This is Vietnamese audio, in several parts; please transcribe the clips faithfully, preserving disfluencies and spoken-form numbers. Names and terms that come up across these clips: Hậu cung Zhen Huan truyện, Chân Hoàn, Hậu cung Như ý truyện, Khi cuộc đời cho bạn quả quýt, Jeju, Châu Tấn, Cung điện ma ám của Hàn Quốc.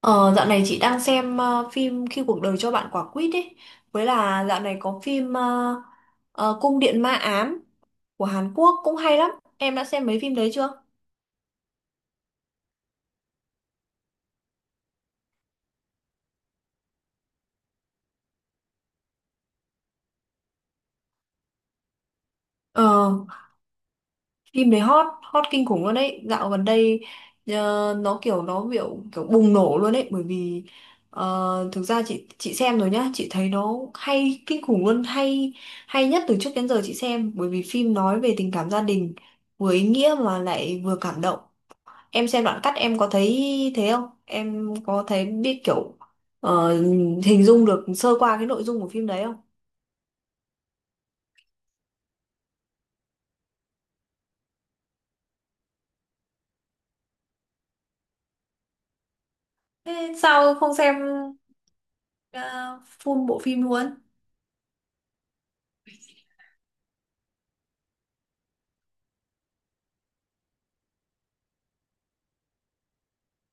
Ờ, Dạo này chị đang xem ờ, phim Khi cuộc đời cho bạn quả quýt ấy, với là dạo này có phim ờ, ờ, Cung điện ma ám của Hàn Quốc cũng hay lắm. Em đã xem mấy phim đấy chưa? Ờ Phim đấy hot hot kinh khủng luôn đấy dạo gần đây, ờ, nó kiểu nó kiểu kiểu bùng nổ luôn đấy, bởi vì ờ, thực ra chị chị xem rồi nhá, chị thấy nó hay kinh khủng luôn, hay hay nhất từ trước đến giờ chị xem, bởi vì phim nói về tình cảm gia đình, vừa ý nghĩa mà lại vừa cảm động. Em xem đoạn cắt em có thấy thế không? Em có thấy biết kiểu ờ, hình dung được sơ qua cái nội dung của phim đấy không? Thế sao không xem ờ, full bộ phim luôn?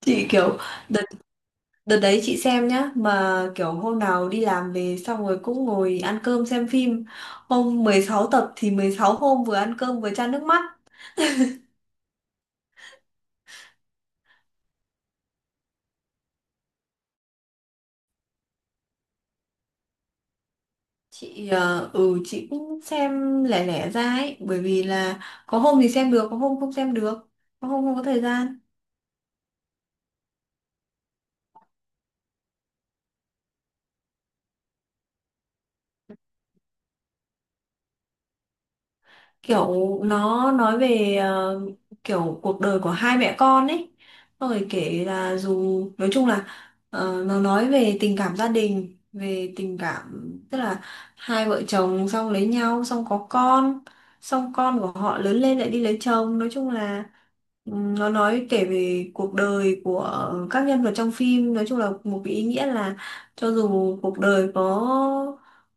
Chị kiểu đợt đợt đấy chị xem nhá, mà kiểu hôm nào đi làm về xong rồi cũng ngồi ăn cơm xem phim. Hôm mười sáu tập thì mười sáu hôm vừa ăn cơm vừa chan nước mắt. Chị ờ, ừ chị cũng xem lẻ lẻ ra ấy, bởi vì là có hôm thì xem được, có hôm không xem được, có hôm không có thời gian. Kiểu nó nói về ờ, kiểu cuộc đời của hai mẹ con ấy. Xong rồi kể là dù nói chung là ờ, nó nói về tình cảm gia đình, về tình cảm, tức là hai vợ chồng xong lấy nhau xong có con, xong con của họ lớn lên lại đi lấy chồng. Nói chung là ừm, nó nói kể về cuộc đời của các nhân vật trong phim, nói chung là một cái ý nghĩa là cho dù cuộc đời có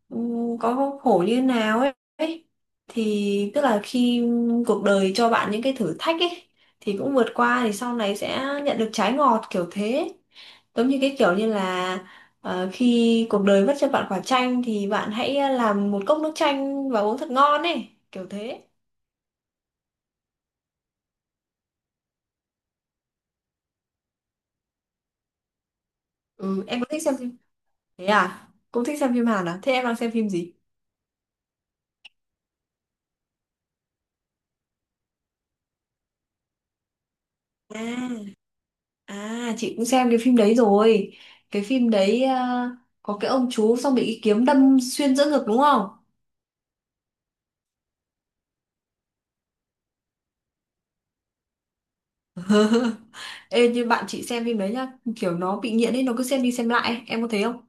ừm, có khổ như thế nào ấy, thì tức là khi cuộc đời cho bạn những cái thử thách ấy thì cũng vượt qua, thì sau này sẽ nhận được trái ngọt kiểu thế. Giống như cái kiểu như là ờ, khi cuộc đời vất cho bạn quả chanh thì bạn hãy ờ, làm một cốc nước chanh và uống thật ngon ấy, kiểu thế. Ừ, em có thích xem phim, thế à, cũng thích xem phim Hàn à, thế em đang xem phim gì? À, à chị cũng xem cái phim đấy rồi. Cái phim đấy ờ, có cái ông chú xong bị cái kiếm đâm xuyên giữa ngực đúng không? Ê, như bạn chị xem phim đấy nhá, kiểu nó bị nghiện ấy, nó cứ xem đi xem lại ấy. Em có thấy không?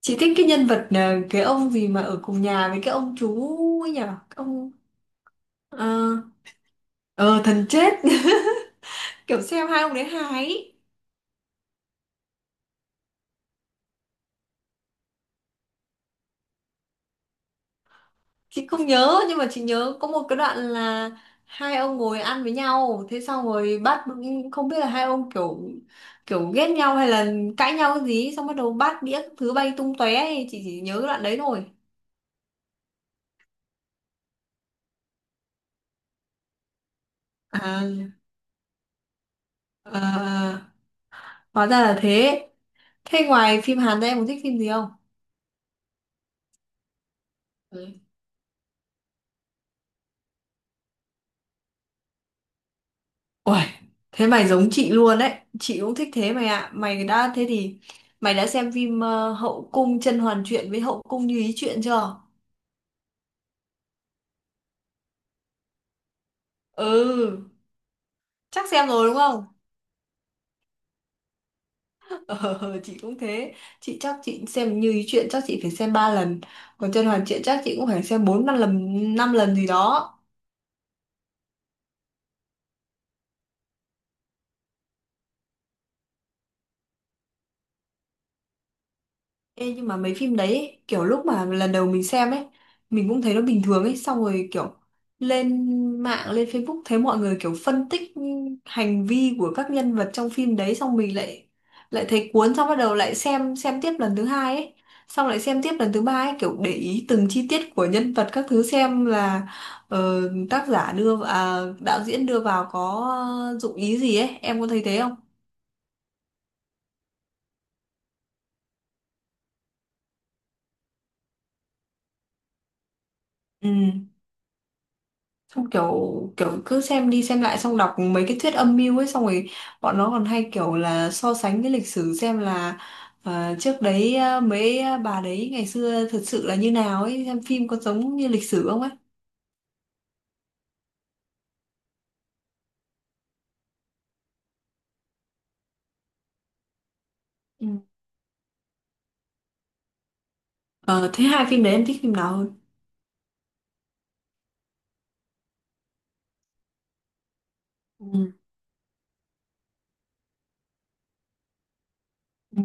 Chị thích cái nhân vật ờ, cái ông gì mà ở cùng nhà với cái ông chú ấy nhở? Cái ông ờ ờ, thần chết. Kiểu xem hai ông đấy hài ấy. Chị không nhớ, nhưng mà chị nhớ có một cái đoạn là hai ông ngồi ăn với nhau, thế xong rồi bắt, không biết là hai ông kiểu kiểu ghét nhau hay là cãi nhau cái gì ấy, xong bắt đầu bát đĩa các thứ bay tung tóe ấy. Chị chỉ nhớ cái đoạn đấy thôi. à, à, à, hóa ra là thế. Thế ngoài phim Hàn ra em có thích phim gì không? Ừ. Uầy, thế mày giống chị luôn đấy. Chị cũng thích thế mày ạ. Mày đã thế thì mày đã xem phim ờ, Hậu cung甄嬛truyện với Hậu cung Như ý truyện chưa? Ừ, chắc xem rồi đúng không? Ờ, chị cũng thế. Chị chắc chị xem Như ý truyện chắc chị phải xem ba lần. Còn甄嬛truyện chắc chị cũng phải xem bốn năm lần, năm lần gì đó. Ê, nhưng mà mấy phim đấy ấy, kiểu lúc mà lần đầu mình xem ấy mình cũng thấy nó bình thường ấy, xong rồi kiểu lên mạng, lên Facebook thấy mọi người kiểu phân tích hành vi của các nhân vật trong phim đấy, xong mình lại lại thấy cuốn, xong bắt đầu lại xem xem tiếp lần thứ hai ấy, xong lại xem tiếp lần thứ ba ấy, kiểu để ý từng chi tiết của nhân vật các thứ, xem là ờ, tác giả đưa à, đạo diễn đưa vào có dụng ý gì ấy, em có thấy thế không? Ừ. Xong kiểu kiểu cứ xem đi xem lại, xong đọc mấy cái thuyết âm mưu ấy, xong rồi bọn nó còn hay kiểu là so sánh cái lịch sử, xem là ờ, trước đấy ờ, mấy ờ, bà đấy ngày xưa thật sự là như nào ấy, xem phim có giống như lịch sử không ấy. Ừ. Ờ, thế hai phim đấy em thích phim nào hơn? Ừ. Ừ.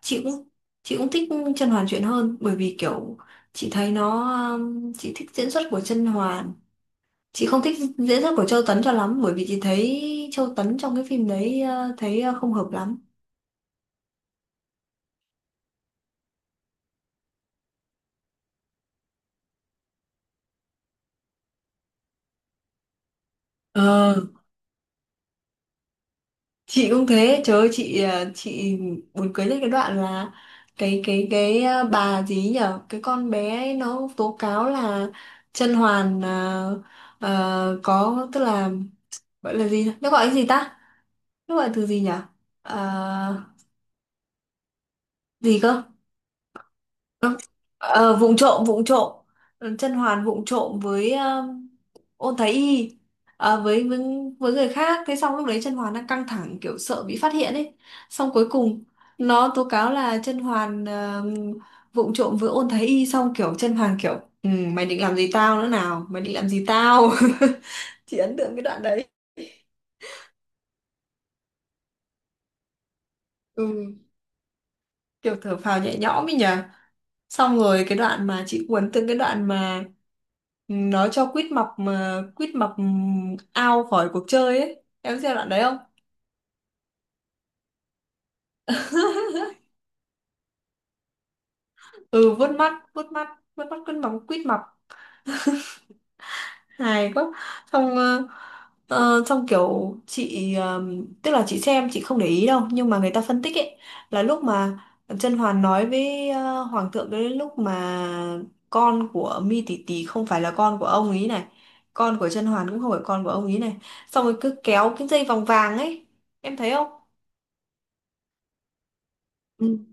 chị cũng chị cũng thích Chân Hoàn chuyện hơn, bởi vì kiểu chị thấy nó um, chị thích diễn xuất của Chân Hoàn, chị không thích diễn xuất của Châu Tấn cho lắm, bởi vì chị thấy Châu Tấn trong cái phim đấy ờ, thấy ờ, không hợp lắm. Ờ, chị cũng thế, trời ơi chị à, chị buồn cười nhất cái đoạn là cái cái cái à, bà gì ấy nhở, cái con bé ấy nó tố cáo là Chân Hoàn à, ờ, có, tức là gọi là gì nhỉ? Nó gọi cái gì ta, nó gọi từ gì nhở? Ờ, gì cơ? Ờ, ờ, vụng trộm, vụng trộm, Chân Hoàn vụng trộm với ờ, ôn thái y, à, với, với với người khác. Thế xong lúc đấy Chân Hoàn đang căng thẳng kiểu sợ bị phát hiện ấy, xong cuối cùng nó tố cáo là Chân Hoàn ờ, vụng trộm với ôn thái y, xong kiểu Chân Hoàn kiểu ừ, mày định làm gì tao nữa nào, mày định làm gì tao. Chị ấn tượng cái đoạn đấy. Ừ, kiểu thở phào nhẹ nhõm ấy nhờ. Xong rồi cái đoạn mà chị cuốn, từng cái đoạn mà nó cho quýt mập, mà quýt mập ao khỏi cuộc chơi ấy, em xem đoạn đấy. Ừ, vuốt mắt, vuốt mắt, vuốt mắt cứ móng quít mập, hài quá. Xong ờ, ờ, xong kiểu chị ờ, tức là chị xem chị không để ý đâu, nhưng mà người ta phân tích ấy, là lúc mà Chân Hoàn nói với ờ, Hoàng thượng, cái lúc mà con của Mi Tỷ Tỷ không phải là con của ông ấy này, con của Chân Hoàn cũng không phải con của ông ấy này, xong rồi cứ kéo cái dây vòng vàng ấy, em thấy không? Ừ.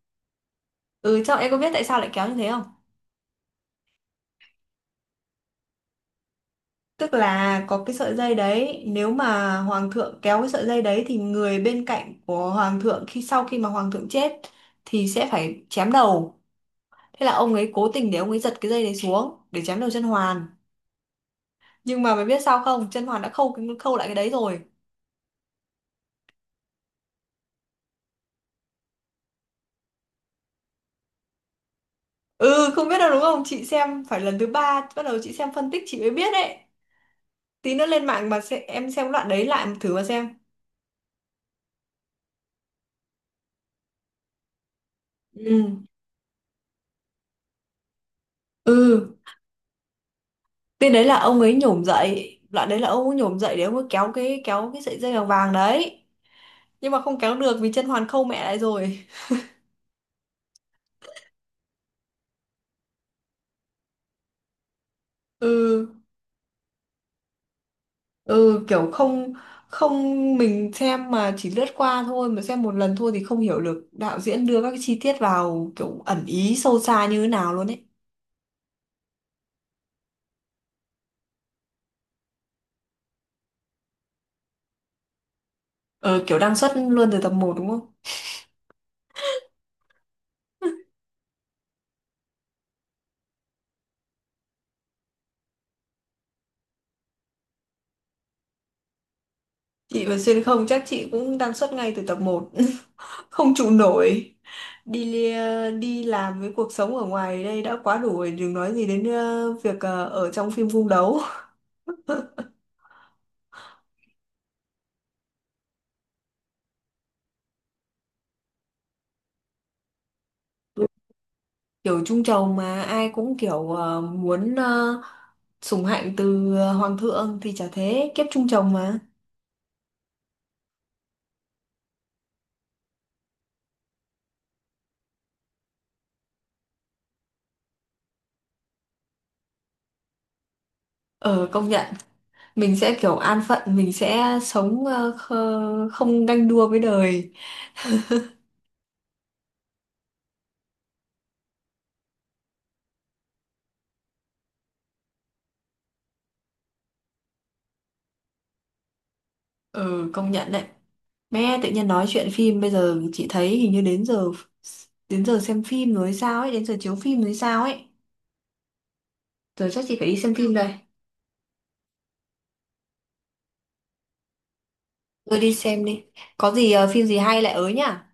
Ừ, trong em có biết tại sao lại kéo như thế không? Tức là có cái sợi dây đấy, nếu mà hoàng thượng kéo cái sợi dây đấy thì người bên cạnh của hoàng thượng khi sau khi mà hoàng thượng chết thì sẽ phải chém đầu. Thế là ông ấy cố tình để ông ấy giật cái dây đấy xuống để chém đầu chân hoàn. Nhưng mà mày biết sao không? Chân hoàn đã khâu cái- khâu lại cái đấy rồi. Ừ, không biết đâu đúng không? Chị xem phải lần thứ ba bắt đầu chị xem phân tích chị mới biết đấy. Tí nữa lên mạng mà sẽ, em xem đoạn đấy lại thử mà xem. Ừ. Ừ. Cái đấy là ông ấy nhổm dậy, đoạn đấy là ông ấy nhổm dậy để ông ấy kéo cái, kéo cái sợi dây vàng vàng đấy. Nhưng mà không kéo được vì chân hoàn khâu mẹ lại rồi. Ừ, ừ kiểu không không mình xem mà chỉ lướt qua thôi, mà xem một lần thôi thì không hiểu được đạo diễn đưa các cái chi tiết vào kiểu ẩn ý sâu xa như thế nào luôn ấy. Ờ kiểu đang xuất luôn từ tập một đúng không? Chị mà xuyên không chắc chị cũng đang suốt ngay từ tập một. Không trụ nổi. Đi ờ, đi làm với cuộc sống ở ngoài đây đã quá đủ rồi. Đừng nói gì đến ờ, việc ờ, ở trong phim cung đấu. Kiểu trung trầu mà ai cũng kiểu ờ, muốn ờ, sủng hạnh từ ờ, hoàng thượng. Thì chả thế, kiếp trung trầu mà. Ờ công nhận. Mình sẽ kiểu an phận, mình sẽ sống ờ, khờ- không ganh đua với đời. Ờ công nhận đấy. Mẹ tự nhiên nói chuyện phim, bây giờ chị thấy hình như đến giờ, đến giờ xem phim rồi hay sao ấy, đến giờ chiếu phim rồi hay sao ấy. Giờ chắc chị phải đi xem phim đây. Rồi đi xem đi. Có gì ờ, phim gì hay lại ới nhá.